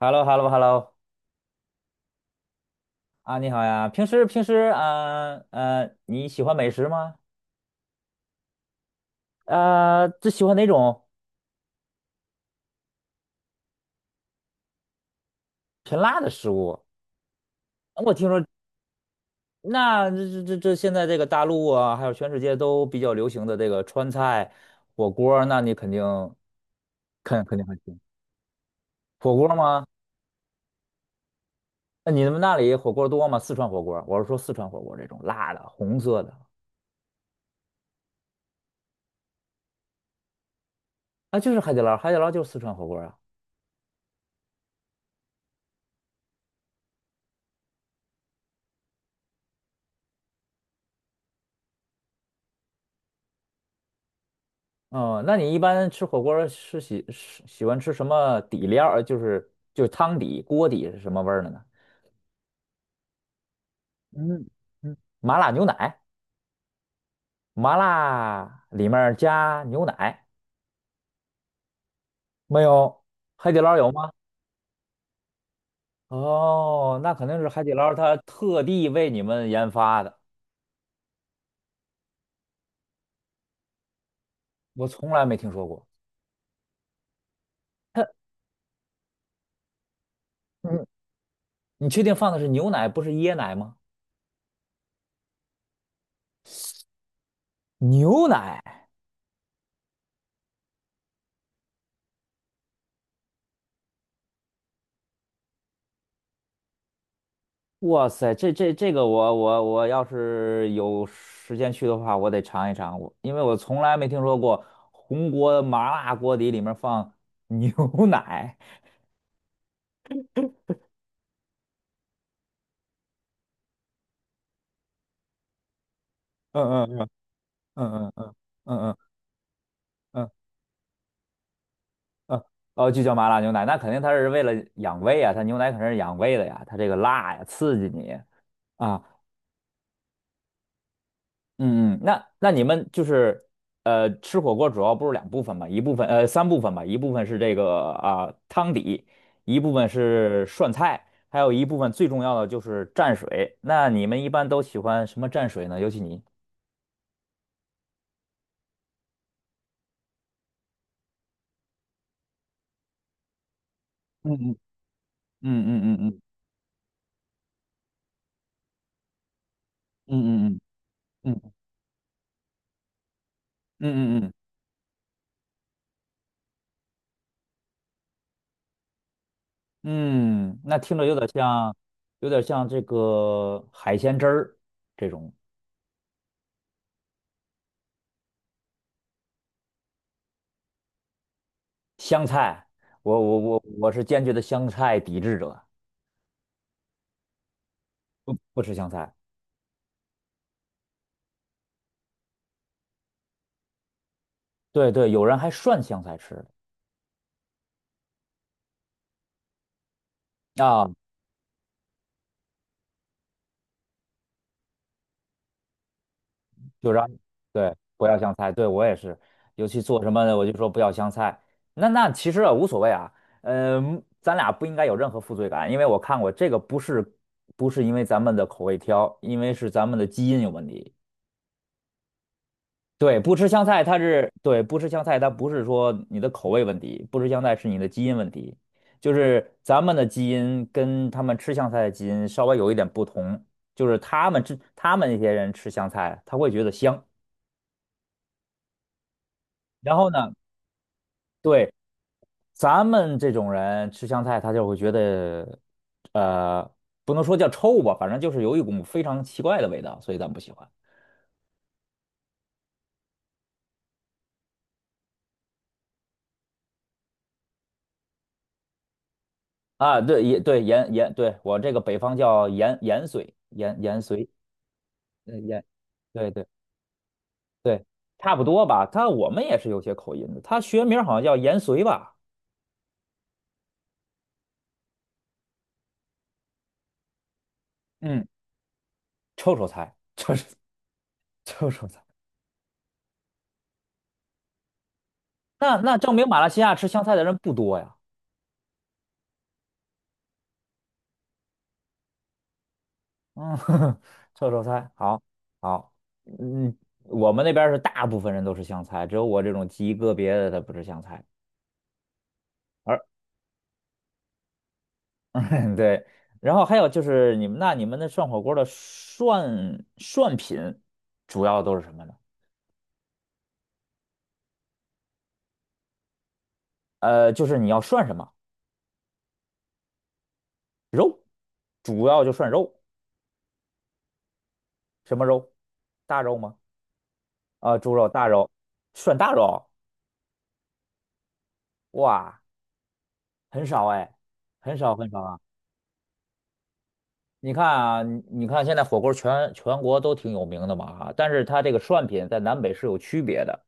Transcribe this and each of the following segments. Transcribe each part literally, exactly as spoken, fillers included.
h e l l o h e l l o h e l l o 啊，你好呀，平时平时啊呃，呃你喜欢美食吗？呃，最喜欢哪种偏辣的食物？我听说，那这这这这现在这个大陆啊，还有全世界都比较流行的这个川菜火锅儿那你肯定肯肯定很行。火锅儿吗？那你们那里火锅儿多吗？四川火锅儿我是说四川火锅儿这种辣的、红色的。啊，就是海底捞，海底捞就是四川火锅儿啊。哦，那你一般吃火锅儿是喜是喜欢吃什么底料儿？就是就是汤底、锅底是什么味儿的呢？嗯嗯，麻辣牛奶，麻辣里面儿加牛奶没有？海底捞有吗？哦，那肯定是海底捞它特地为你们研发的，我从来没听说过。它，嗯，你确定放的是牛奶，不是椰奶吗？牛奶？哇塞，这这这个我我我要是有时间去的话，我得尝一尝，我因为我从来没听说过红锅麻辣锅底里面放牛 奶。嗯嗯嗯嗯嗯嗯嗯嗯嗯，嗯哦，就叫麻辣牛奶，那肯定它是为了养胃啊，它牛奶肯定是养胃的呀，它这个辣呀，刺激你啊。嗯嗯，那那你们就是呃吃火锅主要不是两部分嘛，一部分呃三部分吧，一部分是这个啊、汤底，一部分是涮菜，还有一部分最重要的就是蘸水。那你们一般都喜欢什么蘸水呢？尤其你。嗯嗯嗯嗯嗯嗯嗯嗯嗯嗯嗯嗯，嗯那听着有点像，有点像这个海鲜汁儿这种香菜。我我我我是坚决的香菜抵制者，不不吃香菜。对对，有人还涮香菜吃的啊，就让对不要香菜，对我也是，尤其做什么的我就说不要香菜。那那其实啊无所谓啊，嗯、咱俩不应该有任何负罪感，因为我看过这个不是不是因为咱们的口味挑，因为是咱们的基因有问题。对，不吃香菜，它是对不吃香菜，它不是说你的口味问题，不吃香菜是你的基因问题，就是咱们的基因跟他们吃香菜的基因稍微有一点不同，就是他们吃他们那些人吃香菜，他会觉得香，然后呢，对咱们这种人吃香菜，他就会觉得呃，不能说叫臭吧，反正就是有一股非常奇怪的味道，所以咱不喜欢啊。对，也对盐盐，对我这个北方叫盐盐水，盐盐水，呃盐。对对对，差不多吧。他我们也是有些口音的，他学名好像叫盐绥吧，嗯，臭臭菜，臭臭臭臭菜。那那证明马来西亚吃香菜的人不多呀。嗯，臭臭菜，好，好，嗯，我们那边是大部分人都吃香菜，只有我这种极个别的他不吃香菜。而 对，然后还有就是你们那你们那涮火锅的涮涮品主要都是什么呢？呃，就是你要涮什么，主要就涮肉。什么肉？大肉吗？啊、猪肉、大肉，涮大肉，哇，很少哎，很少很少啊。你看啊，你你看现在火锅全全国都挺有名的嘛啊，但是它这个涮品在南北是有区别的。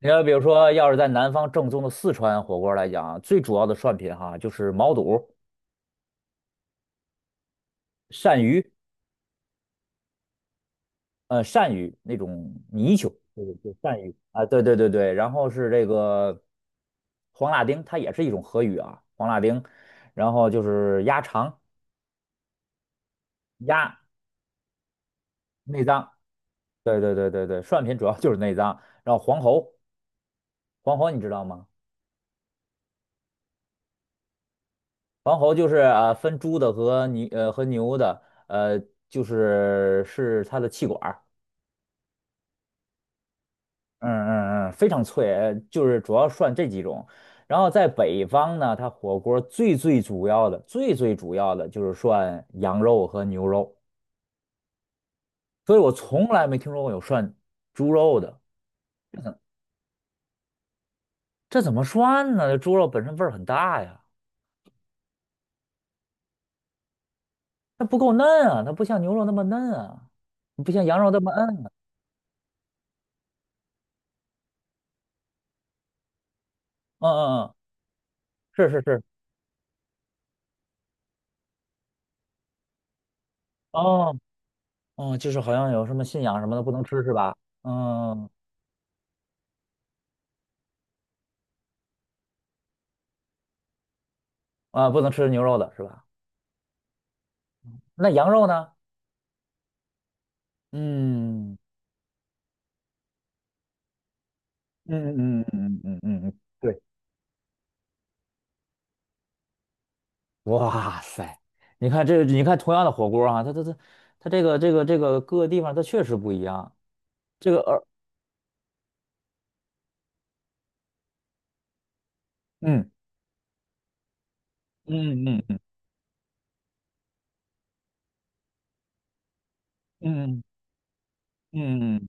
你要比如说，要是在南方正宗的四川火锅来讲，最主要的涮品哈就是毛肚、鳝鱼。呃，鳝鱼那种泥鳅，对对对，鳝鱼啊，对对对对，然后是这个黄辣丁，它也是一种河鱼啊，黄辣丁，然后就是鸭肠、鸭内脏，对对对对对，涮品主要就是内脏，然后黄喉，黄喉你知道吗？黄喉就是呃分猪的和牛呃和牛的，呃就是是它的气管嗯嗯嗯，非常脆，呃就是主要涮这几种。然后在北方呢，它火锅最最主要的、最最主要的就是涮羊肉和牛肉，所以我从来没听说过有涮猪肉的。这怎么涮呢？这猪肉本身味儿很大呀，它不够嫩啊，它不像牛肉那么嫩啊，不像羊肉那么嫩啊。嗯嗯嗯，是是是，哦哦，就是好像有什么信仰什么的不能吃是吧？嗯啊，不能吃牛肉的是吧？那羊肉呢？嗯。嗯嗯嗯嗯嗯嗯，嗯对，哇塞，你看这，你看同样的火锅啊，它它它它这个这个这个各个地方它确实不一样。这个而嗯嗯嗯嗯嗯嗯嗯，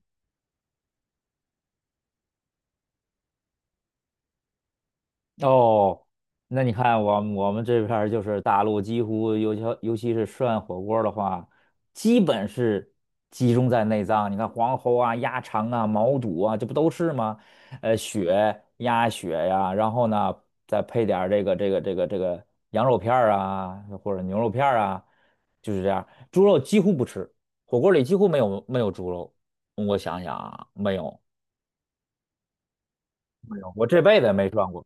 哦，那你看我们我们这边儿就是大陆，几乎尤其尤其是涮火锅儿的话，基本是集中在内脏。你看黄喉啊、鸭肠啊、毛肚啊，这不都是吗？呃，血、鸭血呀、然后呢再配点儿这个这个这个这个羊肉片儿啊，或者牛肉片儿啊，就是这样。猪肉几乎不吃，火锅里几乎没有没有猪肉。我想想啊，没有，没有，我这辈子也没涮过。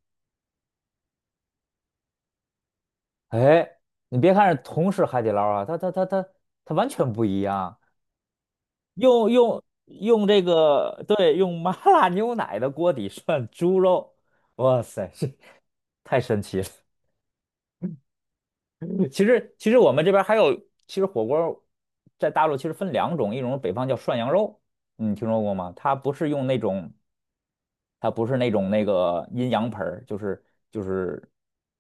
哎，你别看是同是海底捞啊，它它它它它完全不一样。用用用这个，对，用麻辣牛奶的锅底涮猪肉，哇塞，这太神奇了。其实其实我们这边还有，其实火锅在大陆其实分两种，一种是北方叫涮羊肉，你听说过吗？它不是用那种，它不是那种那个阴阳盆儿就是就是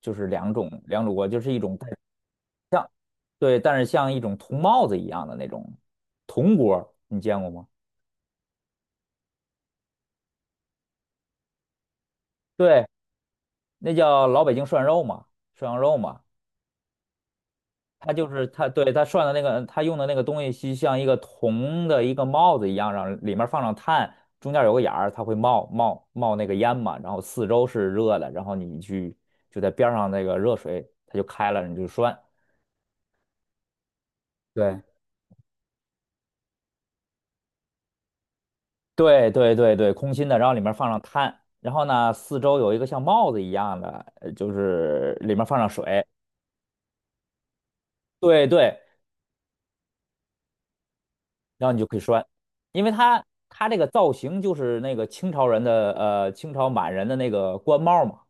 就是两种两种锅，就是一种带。对，但是像一种铜帽子一样的那种铜锅你见过吗？对，那叫老北京涮肉嘛，涮羊肉嘛。它就是它，对，它涮的那个，它用的那个东西，就像一个铜的一个帽子一样，让里面放上炭，中间有个眼儿，它会冒冒冒那个烟嘛，然后四周是热的，然后你去就在边上那个热水，它就开了，你就涮。对对对对对，空心的，然后里面放上炭，然后呢，四周有一个像帽子一样的，呃就是里面放上水，对对，然后你就可以拴，因为它它这个造型就是那个清朝人的呃清朝满人的那个官帽嘛，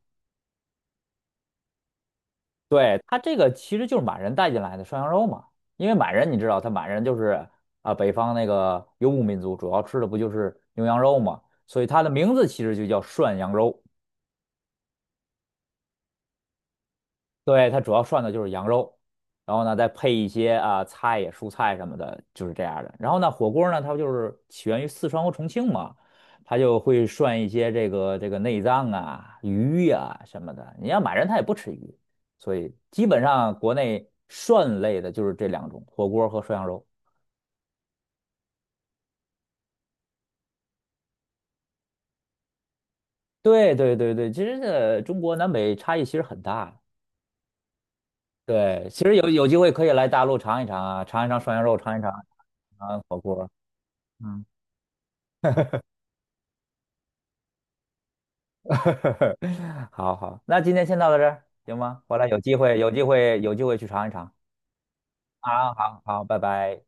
对，它这个其实就是满人带进来的涮羊肉嘛，因为满人你知道，他满人就是啊、北方那个游牧民族，主要吃的不就是牛羊肉嘛，所以它的名字其实就叫涮羊肉。对，它主要涮的就是羊肉，然后呢再配一些啊菜呀、蔬菜什么的，就是这样的。然后呢，火锅呢它不就是起源于四川和重庆嘛，它就会涮一些这个这个内脏啊、鱼呀、什么的。你要满人他也不吃鱼，所以基本上国内涮类的就是这两种，火锅和涮羊肉。对对对对，其实这中国南北差异其实很大的对，其实有有机会可以来大陆尝一尝啊，尝一尝涮羊肉，尝一尝尝火锅。嗯。好好，那今天先到到这儿，行吗？回来有机会，有机会，有机会去尝一尝啊！好好，拜拜。